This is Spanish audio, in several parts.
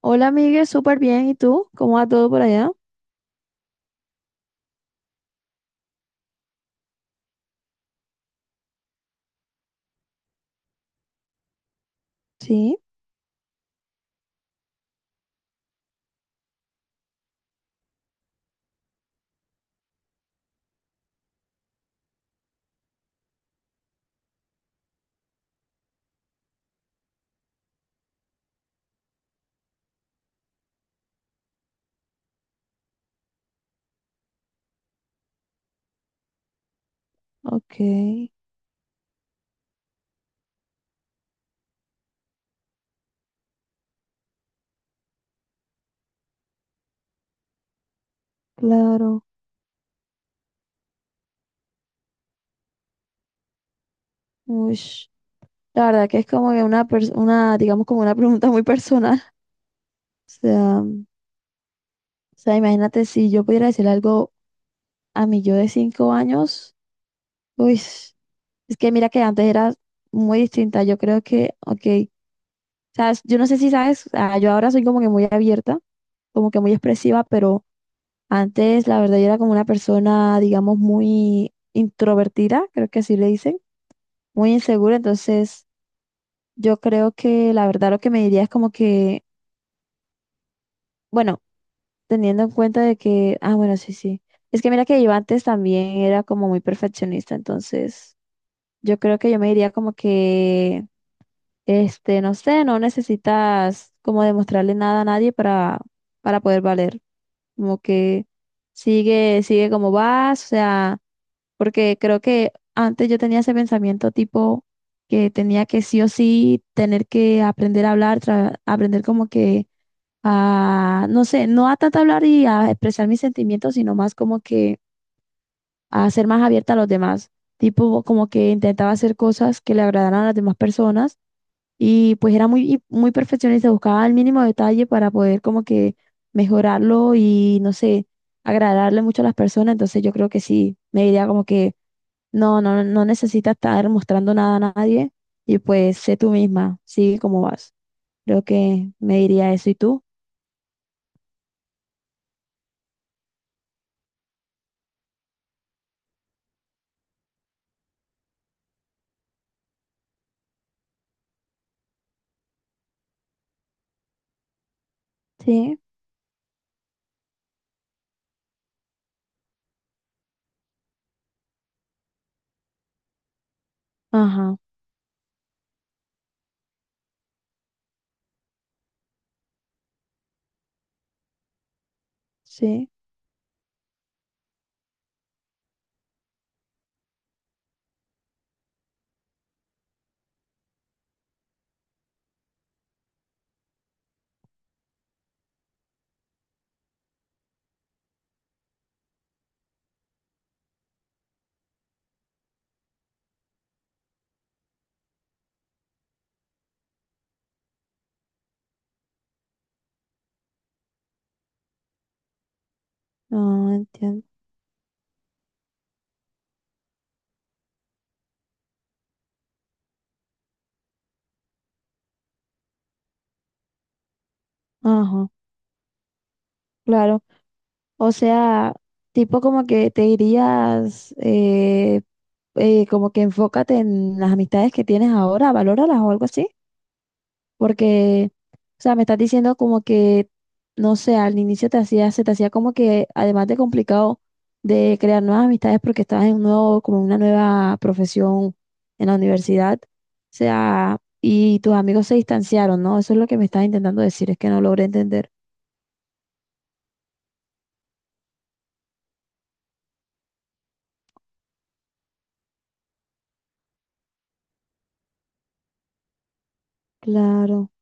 Hola, Miguel, súper bien. ¿Y tú? ¿Cómo va todo por allá? Sí, ok, claro. Ush. La verdad que es como que una, digamos, como una pregunta muy personal. O sea, imagínate si yo pudiera decirle algo a mi yo de 5 años. Uy, es que mira que antes era muy distinta. Yo creo que, ok, sabes, yo no sé si sabes, yo ahora soy como que muy abierta, como que muy expresiva, pero antes, la verdad, yo era como una persona, digamos, muy introvertida, creo que así le dicen, muy insegura. Entonces, yo creo que la verdad lo que me diría es como que, bueno, teniendo en cuenta de que, bueno, sí, sí. Es que mira que yo antes también era como muy perfeccionista. Entonces, yo creo que yo me diría como que, no sé, no necesitas como demostrarle nada a nadie para poder valer. Como que sigue, sigue como vas, o sea. Porque creo que antes yo tenía ese pensamiento tipo que tenía que sí o sí tener que aprender a hablar, aprender como que a, no sé, no a tanto hablar y a expresar mis sentimientos, sino más como que a ser más abierta a los demás. Tipo como que intentaba hacer cosas que le agradaran a las demás personas y pues era muy perfeccionista, buscaba el mínimo detalle para poder como que mejorarlo y no sé, agradarle mucho a las personas. Entonces yo creo que sí, me diría como que no, no, no necesitas estar mostrando nada a nadie y pues sé tú misma, sigue como vas. Creo que me diría eso. ¿Y tú? Sí, ajá, sí, no entiendo. Ajá, claro. O sea, tipo como que te dirías, como que enfócate en las amistades que tienes ahora, valóralas o algo así. Porque, o sea, me estás diciendo como que, no sé, al inicio se te hacía como que, además de complicado de crear nuevas amistades porque estabas en un nuevo, como una nueva profesión en la universidad, o sea, y tus amigos se distanciaron, ¿no? Eso es lo que me estás intentando decir, es que no logré entender. Claro,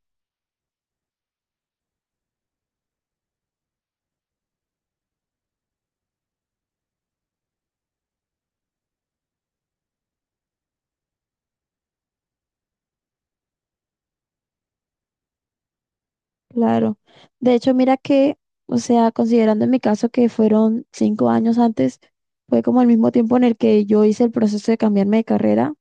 claro. De hecho, mira que, o sea, considerando en mi caso que fueron 5 años antes, fue como el mismo tiempo en el que yo hice el proceso de cambiarme de carrera.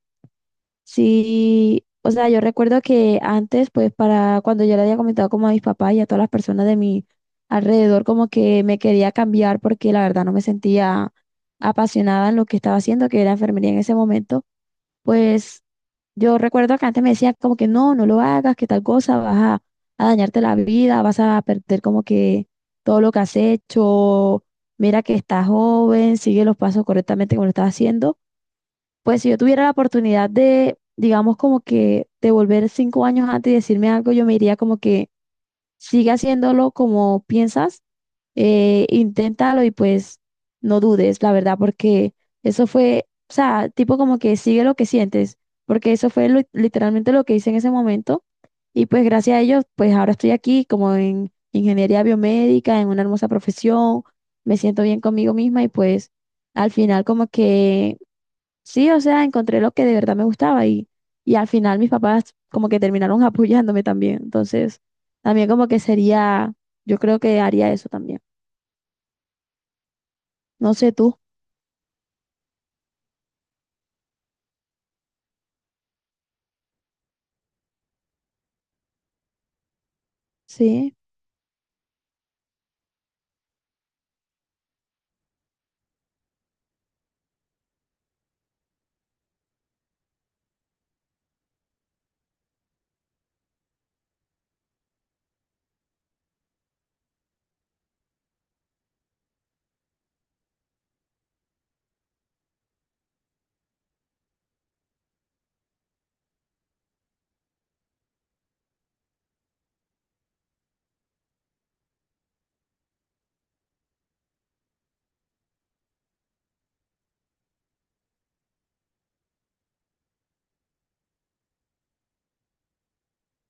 Sí, o sea, yo recuerdo que antes, pues para cuando yo le había comentado como a mis papás y a todas las personas de mi alrededor, como que me quería cambiar porque la verdad no me sentía apasionada en lo que estaba haciendo, que era enfermería en ese momento, pues yo recuerdo que antes me decían como que no, no lo hagas, que tal cosa, vas a dañarte la vida, vas a perder como que todo lo que has hecho, mira que estás joven, sigue los pasos correctamente como lo estás haciendo. Pues si yo tuviera la oportunidad de, digamos, como que de volver 5 años antes y decirme algo, yo me diría como que sigue haciéndolo como piensas, inténtalo y pues no dudes, la verdad, porque eso fue, o sea, tipo como que sigue lo que sientes, porque eso fue literalmente lo que hice en ese momento y pues gracias a ellos, pues ahora estoy aquí como en ingeniería biomédica, en una hermosa profesión, me siento bien conmigo misma y pues al final como que, sí, o sea, encontré lo que de verdad me gustaba y al final mis papás como que terminaron apoyándome también. Entonces, también como que sería, yo creo que haría eso también. No sé tú. Sí,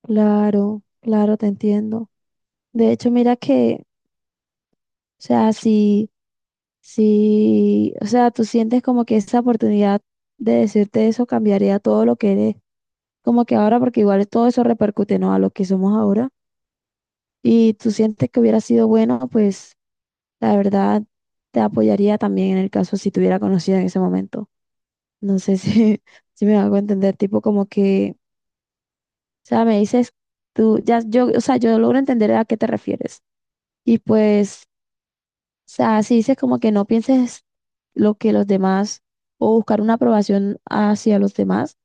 claro, claro, te entiendo. De hecho, mira que, o sea, si, o sea, tú sientes como que esa oportunidad de decirte eso cambiaría todo lo que eres, como que ahora, porque igual todo eso repercute, ¿no? A lo que somos ahora. Y tú sientes que hubiera sido bueno, pues la verdad, te apoyaría también en el caso si te hubiera conocido en ese momento. No sé si, si me hago entender, tipo como que, o sea, me dices tú, ya, yo, o sea, yo logro entender a qué te refieres. Y pues, o sea, si dices como que no pienses lo que los demás o buscar una aprobación hacia los demás,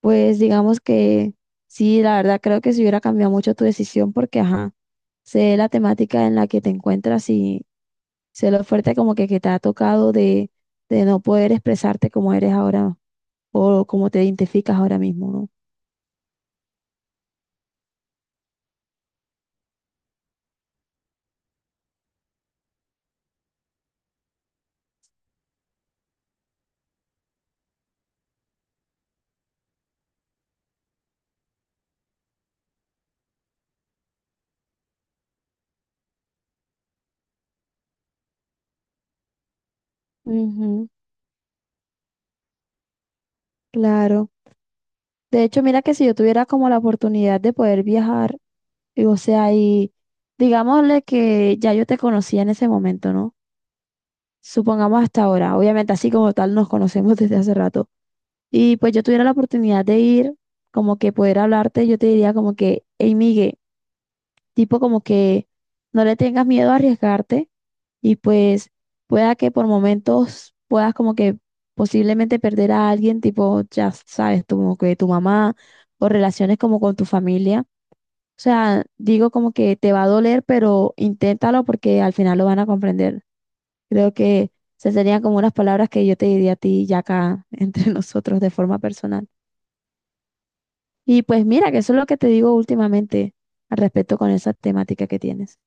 pues digamos que sí, la verdad creo que si hubiera cambiado mucho tu decisión porque, ajá, sé la temática en la que te encuentras y sé lo fuerte como que te ha tocado de no poder expresarte como eres ahora o como te identificas ahora mismo, ¿no? Ujú, claro. De hecho, mira que si yo tuviera como la oportunidad de poder viajar, y, o sea, y digámosle que ya yo te conocía en ese momento, ¿no? Supongamos hasta ahora, obviamente así como tal nos conocemos desde hace rato. Y pues yo tuviera la oportunidad de ir, como que poder hablarte, yo te diría como que, hey, Migue, tipo como que no le tengas miedo a arriesgarte y pues pueda que por momentos puedas como que posiblemente perder a alguien, tipo, ya sabes, como que tu mamá o relaciones como con tu familia. O sea, digo como que te va a doler, pero inténtalo porque al final lo van a comprender. Creo que esas serían como unas palabras que yo te diría a ti ya acá entre nosotros de forma personal. Y pues mira, que eso es lo que te digo últimamente al respecto con esa temática que tienes.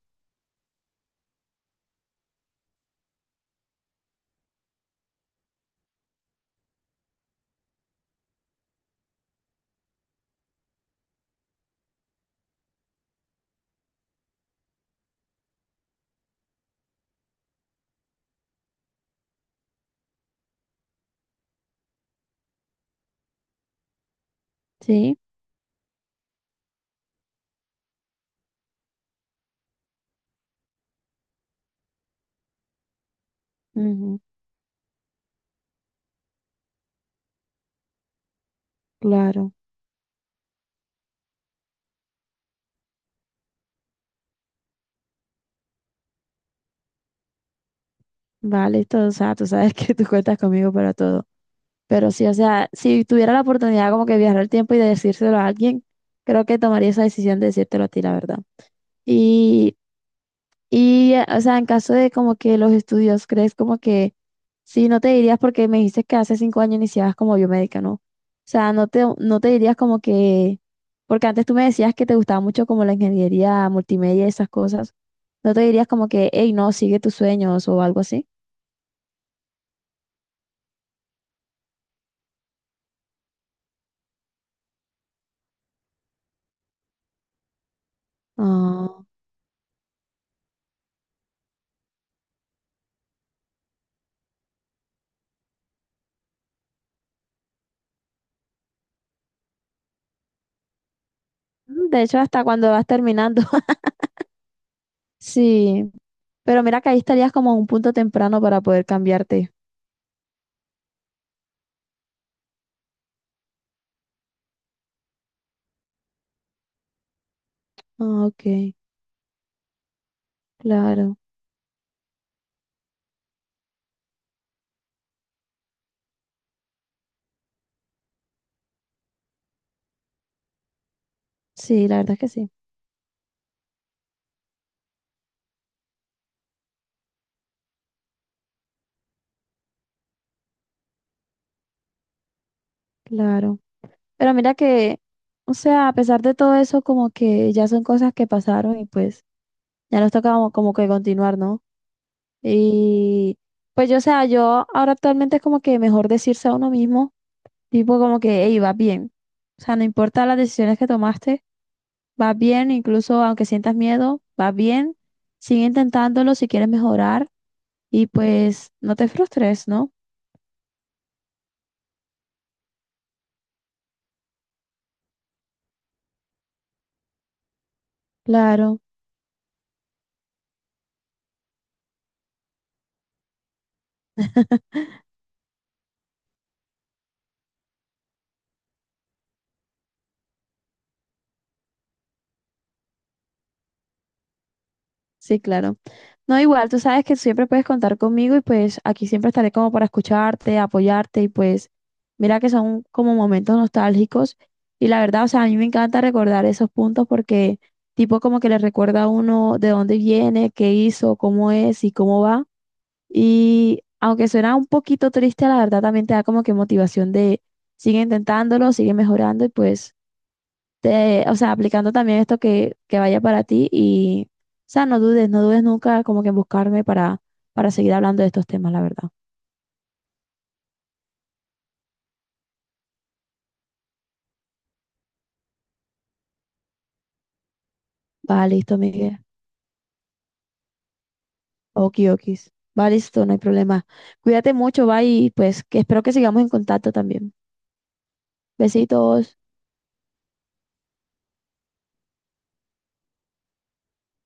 Sí, ujú, claro. Vale, todo, o sea, tú sabes que tú cuentas conmigo para todo. Pero sí, o sea, si tuviera la oportunidad como que de viajar el tiempo y de decírselo a alguien, creo que tomaría esa decisión de decírtelo a ti, la verdad. Y, y, o sea, en caso de como que los estudios, ¿crees como que sí, no te dirías porque me dijiste que hace 5 años iniciabas como biomédica, ¿no? O sea, no te dirías como que, porque antes tú me decías que te gustaba mucho como la ingeniería multimedia y esas cosas, no te dirías como que, hey, no, sigue tus sueños o algo así. Ah, mm, de hecho, hasta cuando vas terminando. Sí, pero mira que ahí estarías como a un punto temprano para poder cambiarte. Ah, ok, claro. Sí, la verdad es que sí, claro. Pero mira que, o sea, a pesar de todo eso, como que ya son cosas que pasaron y pues ya nos toca como que continuar, ¿no? Y pues yo, o sea, yo ahora actualmente es como que mejor decirse a uno mismo, tipo como que, hey, vas bien. O sea, no importa las decisiones que tomaste. Vas bien, incluso aunque sientas miedo, vas bien. Sigue intentándolo si quieres mejorar y pues no te frustres, ¿no? Claro. Sí, claro. No, igual, tú sabes que siempre puedes contar conmigo y pues aquí siempre estaré como para escucharte, apoyarte y pues mira que son como momentos nostálgicos y la verdad, o sea, a mí me encanta recordar esos puntos porque tipo como que le recuerda a uno de dónde viene, qué hizo, cómo es y cómo va. Y aunque suena un poquito triste, la verdad también te da como que motivación de sigue intentándolo, sigue mejorando y pues, o sea, aplicando también esto que vaya para ti y, o sea, no dudes, no dudes nunca como que en buscarme para seguir hablando de estos temas, la verdad. Va, listo, Miguel. Okiokis. Va, listo, no hay problema. Cuídate mucho, va y pues que espero que sigamos en contacto también. Besitos.